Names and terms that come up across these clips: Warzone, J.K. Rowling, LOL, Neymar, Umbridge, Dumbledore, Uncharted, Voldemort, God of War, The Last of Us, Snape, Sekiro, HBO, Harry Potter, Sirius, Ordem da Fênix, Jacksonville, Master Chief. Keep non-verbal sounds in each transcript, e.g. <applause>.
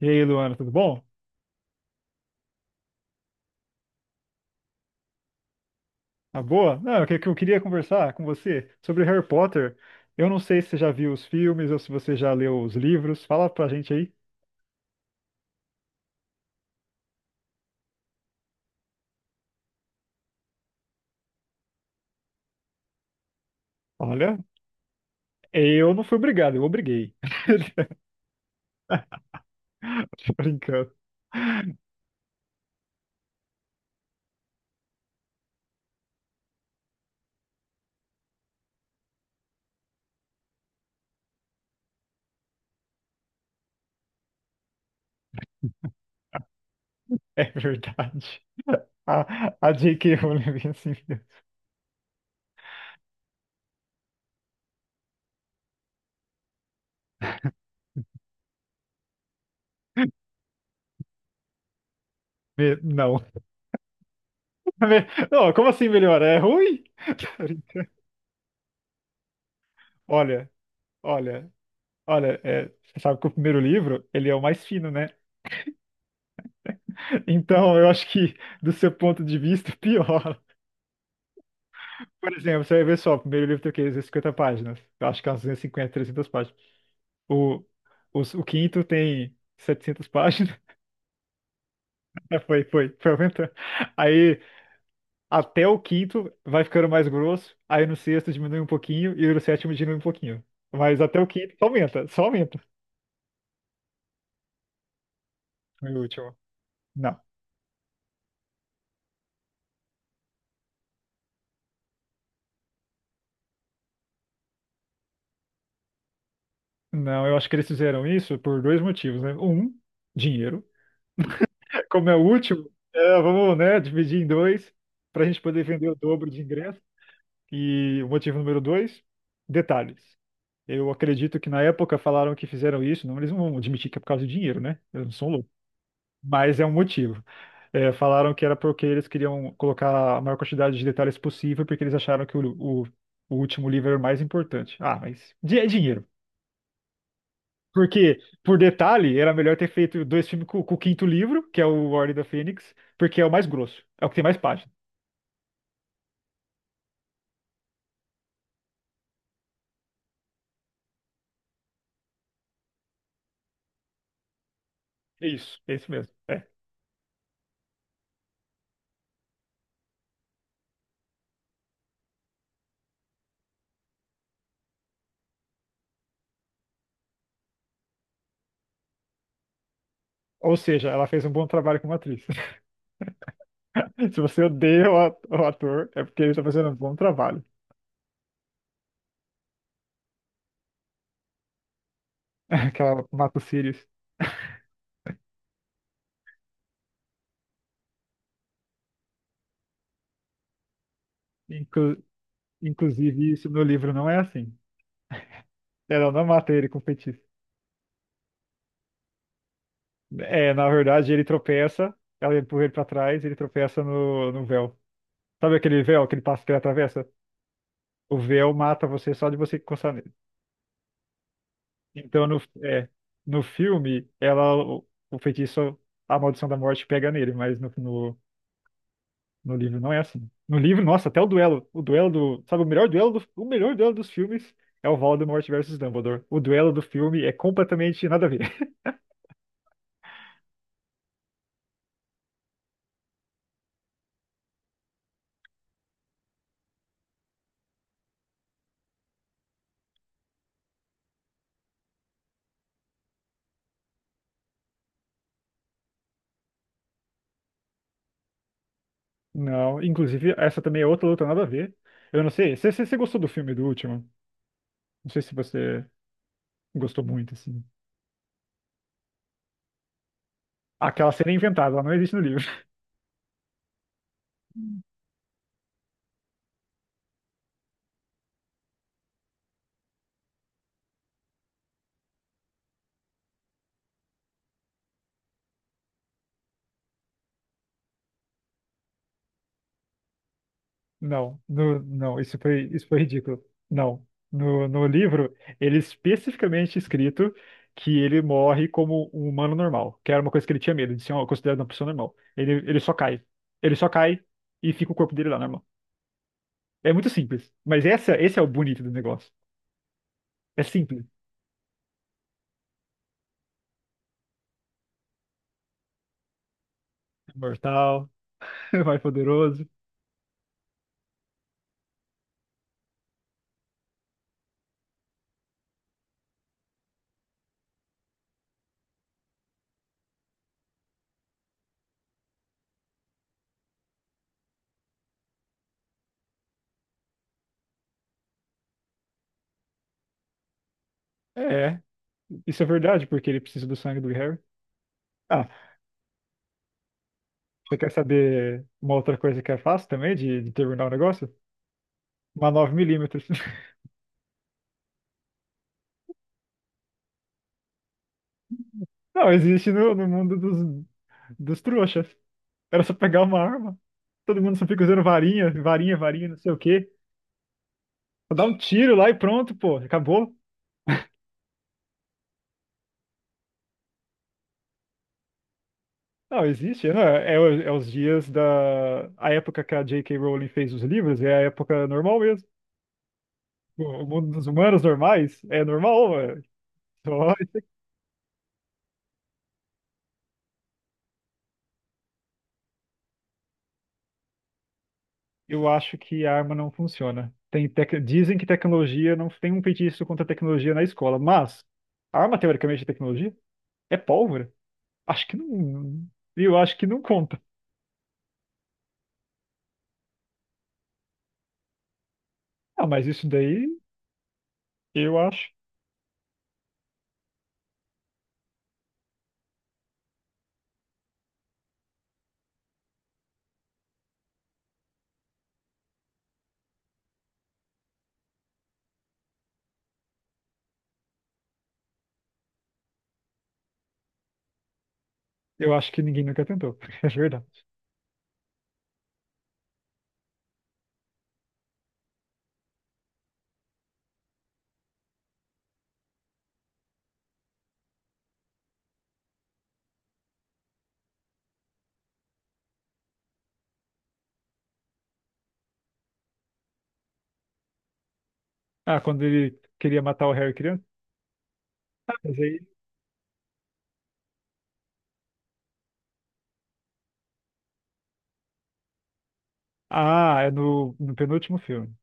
E aí, Luana, tudo bom? Tá boa? Não, o que que eu queria conversar com você sobre Harry Potter. Eu não sei se você já viu os filmes ou se você já leu os livros. Fala pra gente aí. Olha, eu não fui obrigado, eu obriguei. <laughs> Tô brincando. É verdade. A, a J.K. Rowling vem assim. Não. <laughs> Não, como assim melhor? É ruim? <laughs> Olha, olha, olha. Você sabe que o primeiro livro, ele é o mais fino, né? Então, eu acho que, do seu ponto de vista, <laughs> pior. Por exemplo, você vai ver só, o primeiro livro tem o quê? 250 páginas. Eu acho que é umas 250, 300 páginas. O, o quinto tem 700 páginas. <laughs> É, foi aumentando. Aí, até o quinto vai ficando mais grosso. Aí no sexto diminui um pouquinho e no sétimo diminui um pouquinho. Mas até o quinto só aumenta, só aumenta. E o último. Não. Não, eu acho que eles fizeram isso por dois motivos, né? Um, dinheiro. Como é o último, é, vamos, né, dividir em dois para a gente poder vender o dobro de ingresso. E o motivo número dois, detalhes. Eu acredito que na época falaram que fizeram isso, não, eles não vão admitir que é por causa de dinheiro, né? Eles não são loucos. Mas é um motivo. É, falaram que era porque eles queriam colocar a maior quantidade de detalhes possível, porque eles acharam que o, o último livro era o mais importante. Ah, mas é dinheiro. Porque, por detalhe, era melhor ter feito dois filmes com o quinto livro, que é o Ordem da Fênix, porque é o mais grosso, é o que tem mais páginas. Isso, é isso mesmo. É. Ou seja, ela fez um bom trabalho como atriz. <laughs> Se você odeia o ator, é porque ele está fazendo um bom trabalho. <laughs> Que ela mata o Sirius. Inclu- Inclusive, isso no livro não é assim. Ela não mata ele com feitiço. É, na verdade, ele tropeça, ela empurra ele pra trás, ele tropeça no véu. Sabe aquele véu, aquele passo que ele atravessa? O véu mata você só de você encostar nele. Então, no filme, ela, o feitiço, a maldição da morte pega nele, mas no livro não é assim. No livro, nossa, até o duelo. O duelo do. Sabe, o melhor duelo do, o melhor duelo dos filmes é o Voldemort versus Dumbledore. O duelo do filme é completamente nada a ver. <laughs> Não, inclusive, essa também é outra luta nada a ver. Eu não sei. Você gostou do filme do último? Não sei se você gostou muito, assim. Aquela cena é inventada, ela não existe no livro. Não, isso foi ridículo. Não. No livro, ele é especificamente escrito que ele morre como um humano normal, que era uma coisa que ele tinha medo de ser considerado uma pessoa normal. Ele só cai. Ele só cai e fica o corpo dele lá normal. É muito simples. Mas essa, esse é o bonito do negócio. É simples. É Mortal, <laughs> mais poderoso. É, isso é verdade, porque ele precisa do sangue do Harry. Ah, você quer saber uma outra coisa que é fácil também de terminar o negócio? Uma nove milímetros. <laughs> Não, existe no mundo dos trouxas. Era só pegar uma arma. Todo mundo só fica usando varinha, varinha, varinha, não sei o quê. Só dá um tiro lá e pronto, pô, acabou. Não, existe. Não, é os dias da. A época que a J.K. Rowling fez os livros é a época normal mesmo. O mundo dos humanos normais é normal, ué. Só <laughs> isso aqui. Eu acho que a arma não funciona. Tem tec... Dizem que tecnologia não tem um feitiço contra a tecnologia na escola, mas arma teoricamente é tecnologia é pólvora. Acho que não. Eu acho que não conta. Ah, mas isso daí, eu acho. Eu acho que ninguém nunca tentou. <laughs> É verdade. Ah, quando ele queria matar o Harry criança, mas aí. Ah, é no penúltimo filme.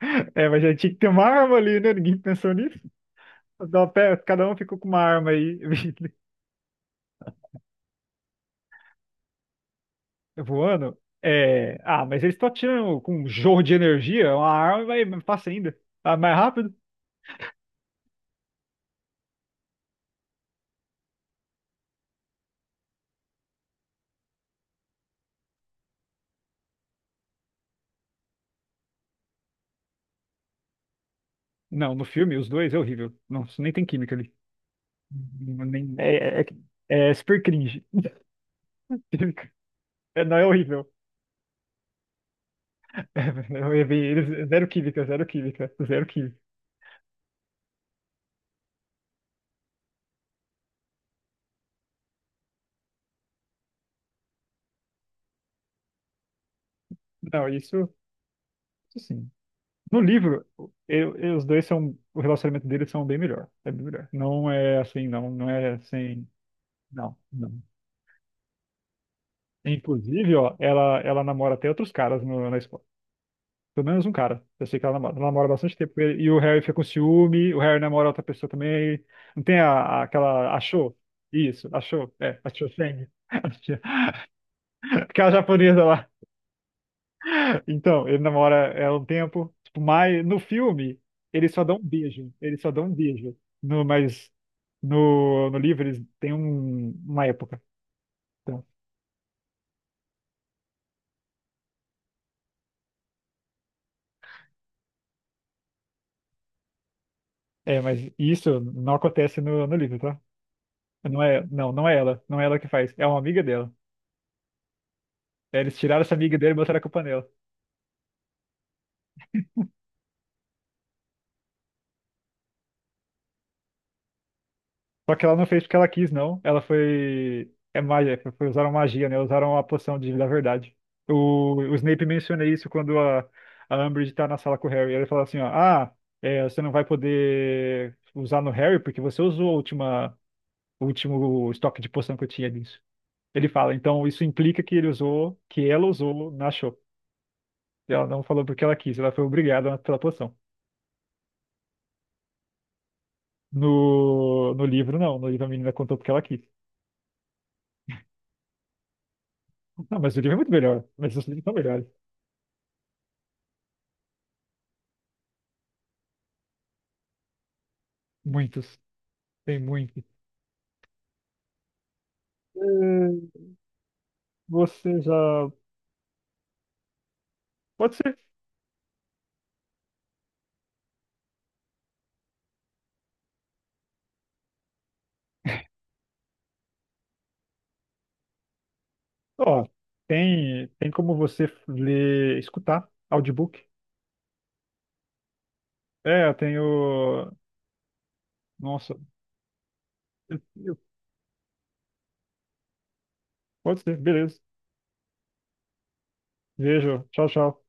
<laughs> É, mas já tinha que ter uma arma ali, né? Ninguém pensou nisso. Cada um ficou com uma arma aí <laughs> voando. É... Ah, mas eles estão atirando com um jorro de energia, uma arma vai mais fácil ainda. Ah, mais rápido? Não, no filme, os dois é horrível. Não, isso nem tem química ali. Nem- É, É super cringe. <laughs> É, não é horrível. <laughs> É, não, zero química, zero química, zero química. Não, isso sim. No livro, os dois são, o relacionamento deles são bem melhor. É bem melhor. Não é assim, não. Inclusive, ó, ela namora até outros caras na escola. Pelo menos um cara. Eu sei que ela namora bastante tempo. E o Harry fica com ciúme, o Harry namora outra pessoa também. Não tem aquela. Achou? Isso, achou. É, achou Feng. <laughs> Achou. Aquela japonesa lá. Então, ele namora ela um tempo. Tipo, mas no filme, eles só dão um beijo. Eles só dão um beijo. No, mas no livro, eles têm uma época. Então, é, mas isso não acontece no livro, tá? Não é, não é ela. Não é ela que faz. É uma amiga dela. É, eles tiraram essa amiga dele e botaram a culpa nela. Só que ela não fez porque ela quis, não. Ela foi. É magia, usaram magia, né? Usaram a poção da verdade. O Snape menciona isso quando a Umbridge tá na sala com o Harry. Ele fala assim, ó, você não vai poder usar no Harry porque você usou o último estoque de poção que eu tinha disso. Ele fala, então isso implica que ele usou, que ela usou na show. Ela não falou porque ela quis, ela foi obrigada pela poção. No livro, não. No livro a menina contou porque ela quis. Não, mas o livro é muito melhor. Mas os livros são melhores. Muitos, tem muitos. Eh, Você já. Pode ser. Ó, tem, tem como você ler, escutar audiobook. É, eu tenho. Nossa, eu- eu- pode ser, beleza. Vejo. Tchau, tchau.